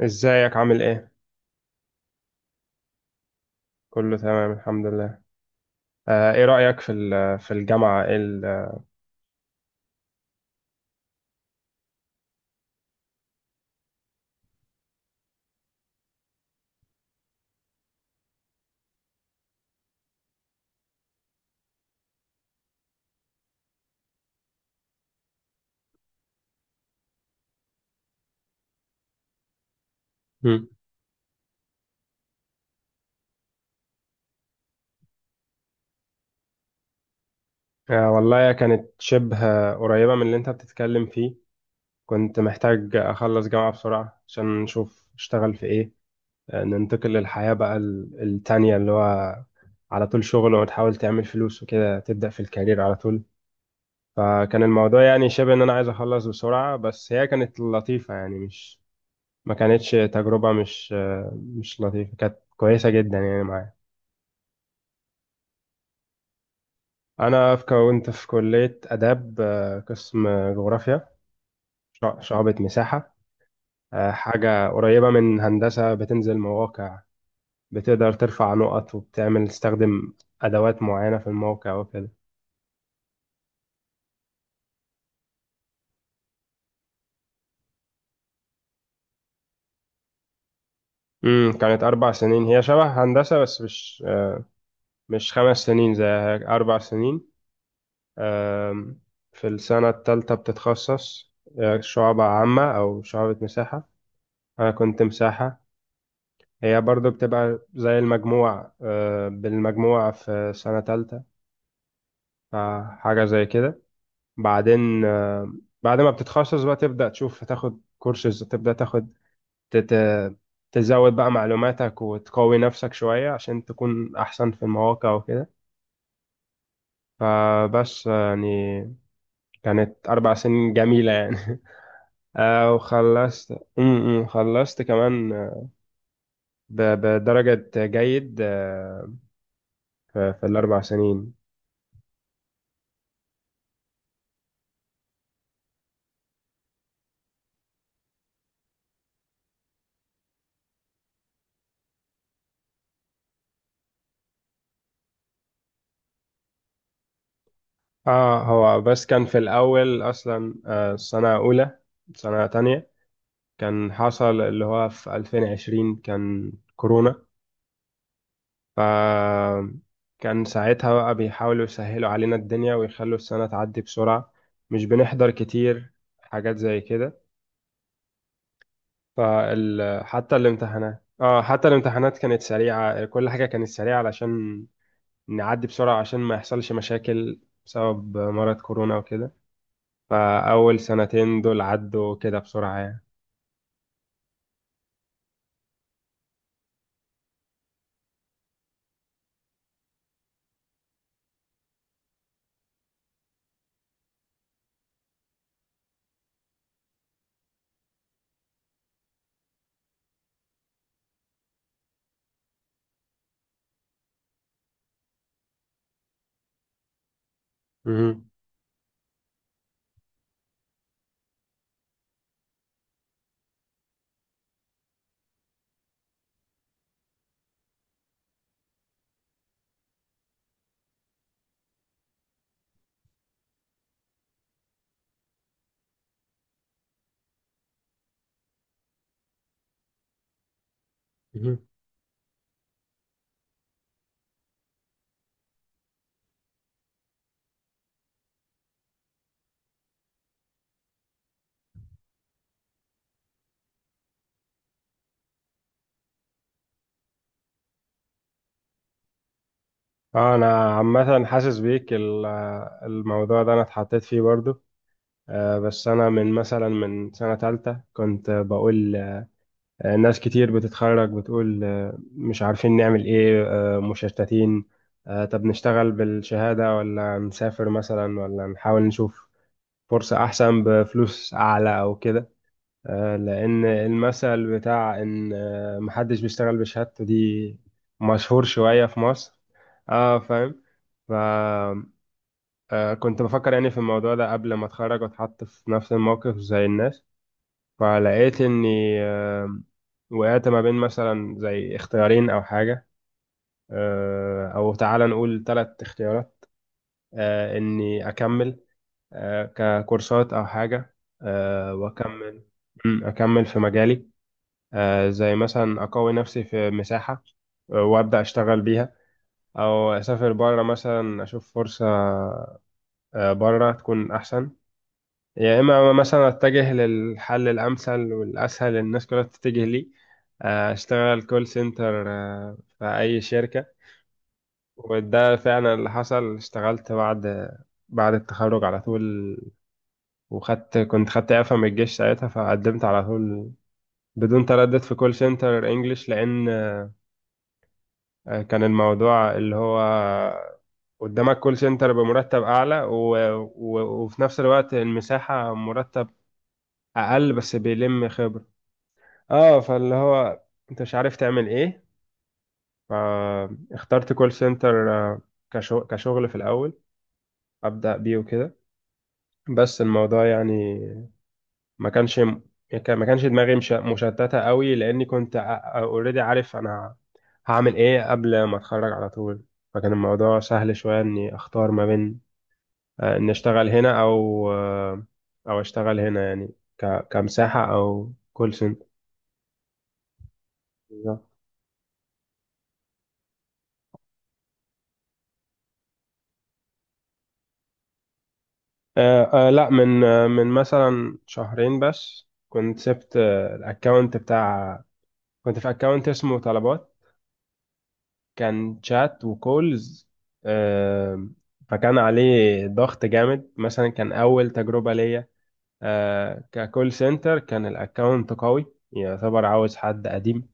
ازيك عامل ايه؟ كله تمام الحمد لله. ايه رأيك في في الجامعة مم. والله كانت شبه قريبة من اللي انت بتتكلم فيه. كنت محتاج اخلص جامعة بسرعة عشان نشوف اشتغل في ايه. ننتقل للحياة بقى التانية اللي هو على طول شغل وتحاول تعمل فلوس وكده تبدأ في الكارير على طول. فكان الموضوع يعني شبه ان انا عايز اخلص بسرعة، بس هي كانت لطيفة، يعني مش ما كانتش تجربة مش لطيفة، كانت كويسة جدا يعني معايا. أنا كنت في كلية آداب، قسم جغرافيا، شعبة مساحة. حاجة قريبة من هندسة، بتنزل مواقع، بتقدر ترفع نقط تستخدم أدوات معينة في الموقع وكده. امم، كانت أربع سنين، هي شبه هندسة بس مش خمس سنين زي هيك، أربع سنين. آم، في السنة التالتة بتتخصص، شعبة عامة أو شعبة مساحة. أنا كنت مساحة. هي برضو بتبقى زي المجموع، بالمجموع في سنة تالتة، فحاجة زي كده. بعدين آه، بعد ما بتتخصص بقى تبدأ تشوف تاخد كورسز، تبدأ تت- تزود بقى معلوماتك وتقوي نفسك شوية عشان تكون أحسن في المواقع وكده. فبس يعني كانت أربع سنين جميلة يعني. وخلصت، م- م، خلصت كمان، بدرجة جيد في الأربع سنين. اه، هو بس كان في الأول أصلا، سنة أولى سنة تانية، كان حصل اللي هو في 2020 كان كورونا. ف كان ساعتها بقى بيحاولوا يسهلوا علينا الدنيا، ويخلوا السنة تعدي بسرعة، مش بنحضر كتير، حاجات زي كده. حتى الامتحانات، اه حتى الامتحانات كانت سريعة، كل حاجة كانت سريعة علشان نعدي بسرعة عشان ما يحصلش مشاكل بسبب مرض كورونا وكده. فأول سنتين دول عدوا كده بسرعة يعني. مهم. مهم. اه، انا عامة حاسس بيك الموضوع ده انا اتحطيت فيه برضو. بس انا من مثلا من سنة تالتة كنت بقول ناس كتير بتتخرج بتقول مش عارفين نعمل ايه، مشتتين، طب نشتغل بالشهادة ولا نسافر مثلا ولا نحاول نشوف فرصة احسن بفلوس اعلى او كده. لأن المثل بتاع إن محدش بيشتغل بشهادته دي مشهور شوية في مصر. اه فاهم. ف كنت بفكر يعني في الموضوع ده قبل ما اتخرج واتحط في نفس الموقف زي الناس، فلقيت اني وقعت ما بين مثلا زي اختيارين او حاجة، او تعالى نقول ثلاث اختيارات. اني اكمل ككورسات او حاجة، آه، واكمل مم، اكمل في مجالي، زي مثلا أقوي نفسي في مساحة، وأبدأ أشتغل بيها، أو أسافر بره مثلا أشوف فرصة بره تكون أحسن، يا إما مثلا أتجه للحل الأمثل والأسهل الناس كلها تتجه ليه، أشتغل كول سنتر في أي شركة. وده فعلا اللي حصل، اشتغلت بعد التخرج على طول، وخدت كنت خدت إعفاء من الجيش ساعتها، فقدمت على طول بدون تردد في كول سنتر انجلش، لان كان الموضوع اللي هو قدامك كول سنتر بمرتب أعلى، وفي نفس الوقت المساحة مرتب أقل بس بيلم خبرة. اه، فاللي هو انت مش عارف تعمل ايه، فاخترت كول سنتر، كشغل في الأول أبدأ بيه وكده. بس الموضوع يعني ما كانش ما كانش دماغي مش... مشتتة قوي لأني كنت اوريدي عارف أنا هعمل ايه قبل ما اتخرج على طول. فكان الموضوع سهل شوية اني اختار ما بين إني أشتغل هنا أو أشتغل هنا، يعني كمساحة أو كول سنتر. بالظبط. لا، من من مثلا شهرين بس كنت سبت الأكاونت بتاع، كنت في أكاونت اسمه طلبات، كان شات وكولز. آه، فكان عليه ضغط جامد، مثلا كان أول تجربة ليا ككول سنتر، كان الأكاونت قوي، يعتبر عاوز حد قديم.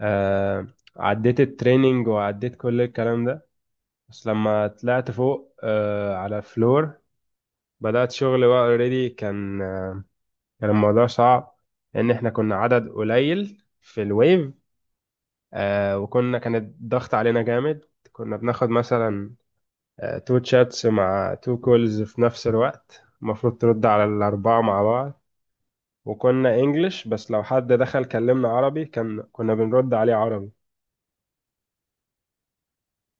آه، عديت التريننج وعديت كل الكلام ده، بس لما طلعت فوق آه على الفلور بدأت شغل بقى اوريدي، كان كان الموضوع صعب لأن احنا كنا عدد قليل في الويف. آه، كان الضغط علينا جامد، كنا بناخد مثلا تو تشاتس مع تو كولز في نفس الوقت، المفروض ترد على الأربعة مع بعض. وكنا انجلش بس لو حد دخل كلمنا عربي كان كنا بنرد عليه عربي.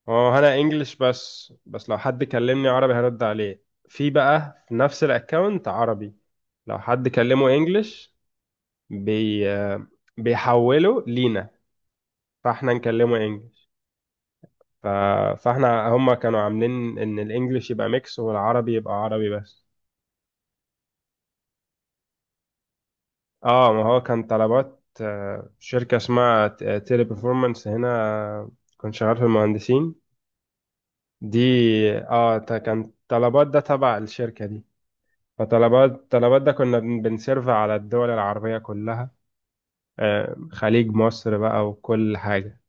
اه انا انجلش بس لو حد كلمني عربي هرد عليه. في بقى في نفس الاكونت عربي، لو حد كلمه انجلش بي بيحوله لينا، فاحنا نكلمه انجلش. ف... فاحنا هم كانوا عاملين ان الانجليش يبقى ميكس والعربي يبقى عربي بس. اه، ما هو كان طلبات، شركة اسمها تيلي performance هنا، كنت شغال في المهندسين دي. اه، كان طلبات ده تبع الشركة دي. فطلبات ده بنسيرف على الدول العربية كلها، خليج مصر بقى وكل حاجة.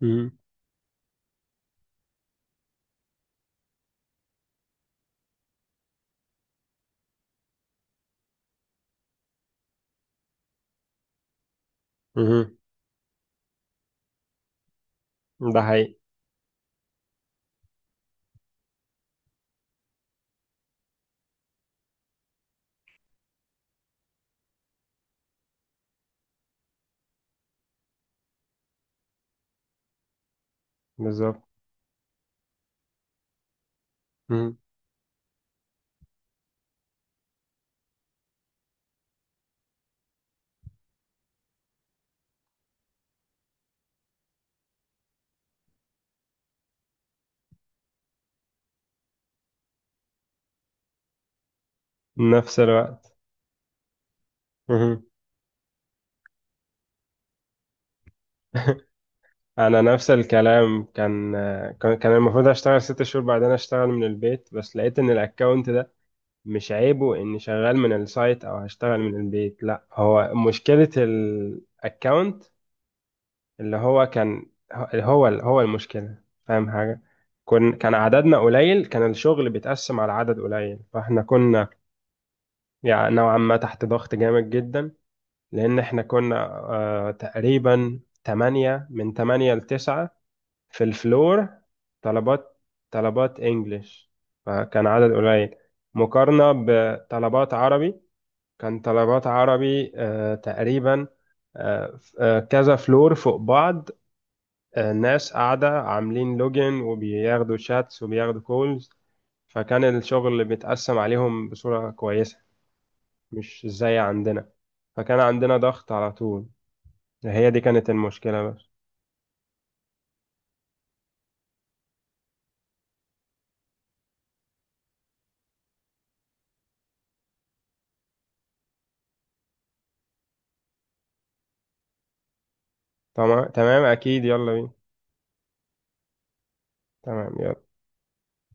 مهم. مهم. ده حقيقي. بالظبط. مهم. نفس الوقت. مهم. أنا نفس الكلام، كان كان المفروض أشتغل 6 شهور بعدين أشتغل من البيت، بس لقيت إن الأكاونت ده مش عيبه إني شغال من السايت أو هشتغل من البيت، لأ هو مشكلة الأكاونت اللي هو كان هو هو المشكلة. فاهم حاجة؟ كان عددنا قليل، كان الشغل بيتقسم على عدد قليل، فاحنا كنا يعني نوعا ما تحت ضغط جامد جدا. لأن احنا كنا آه تقريبا تمانية، من تمانية لتسعة في الفلور، طلبات، طلبات انجليش، فكان عدد قليل مقارنة بطلبات عربي. كان طلبات عربي آه تقريبا كذا فلور فوق بعض، الناس قاعدة عاملين لوجن وبياخدوا شاتس وبياخدوا كولز، فكان الشغل متقسم عليهم بصورة كويسة، مش زي عندنا. فكان عندنا ضغط على طول، هي دي كانت المشكلة بس. تمام تمام، أكيد يلا بينا. تمام يلا.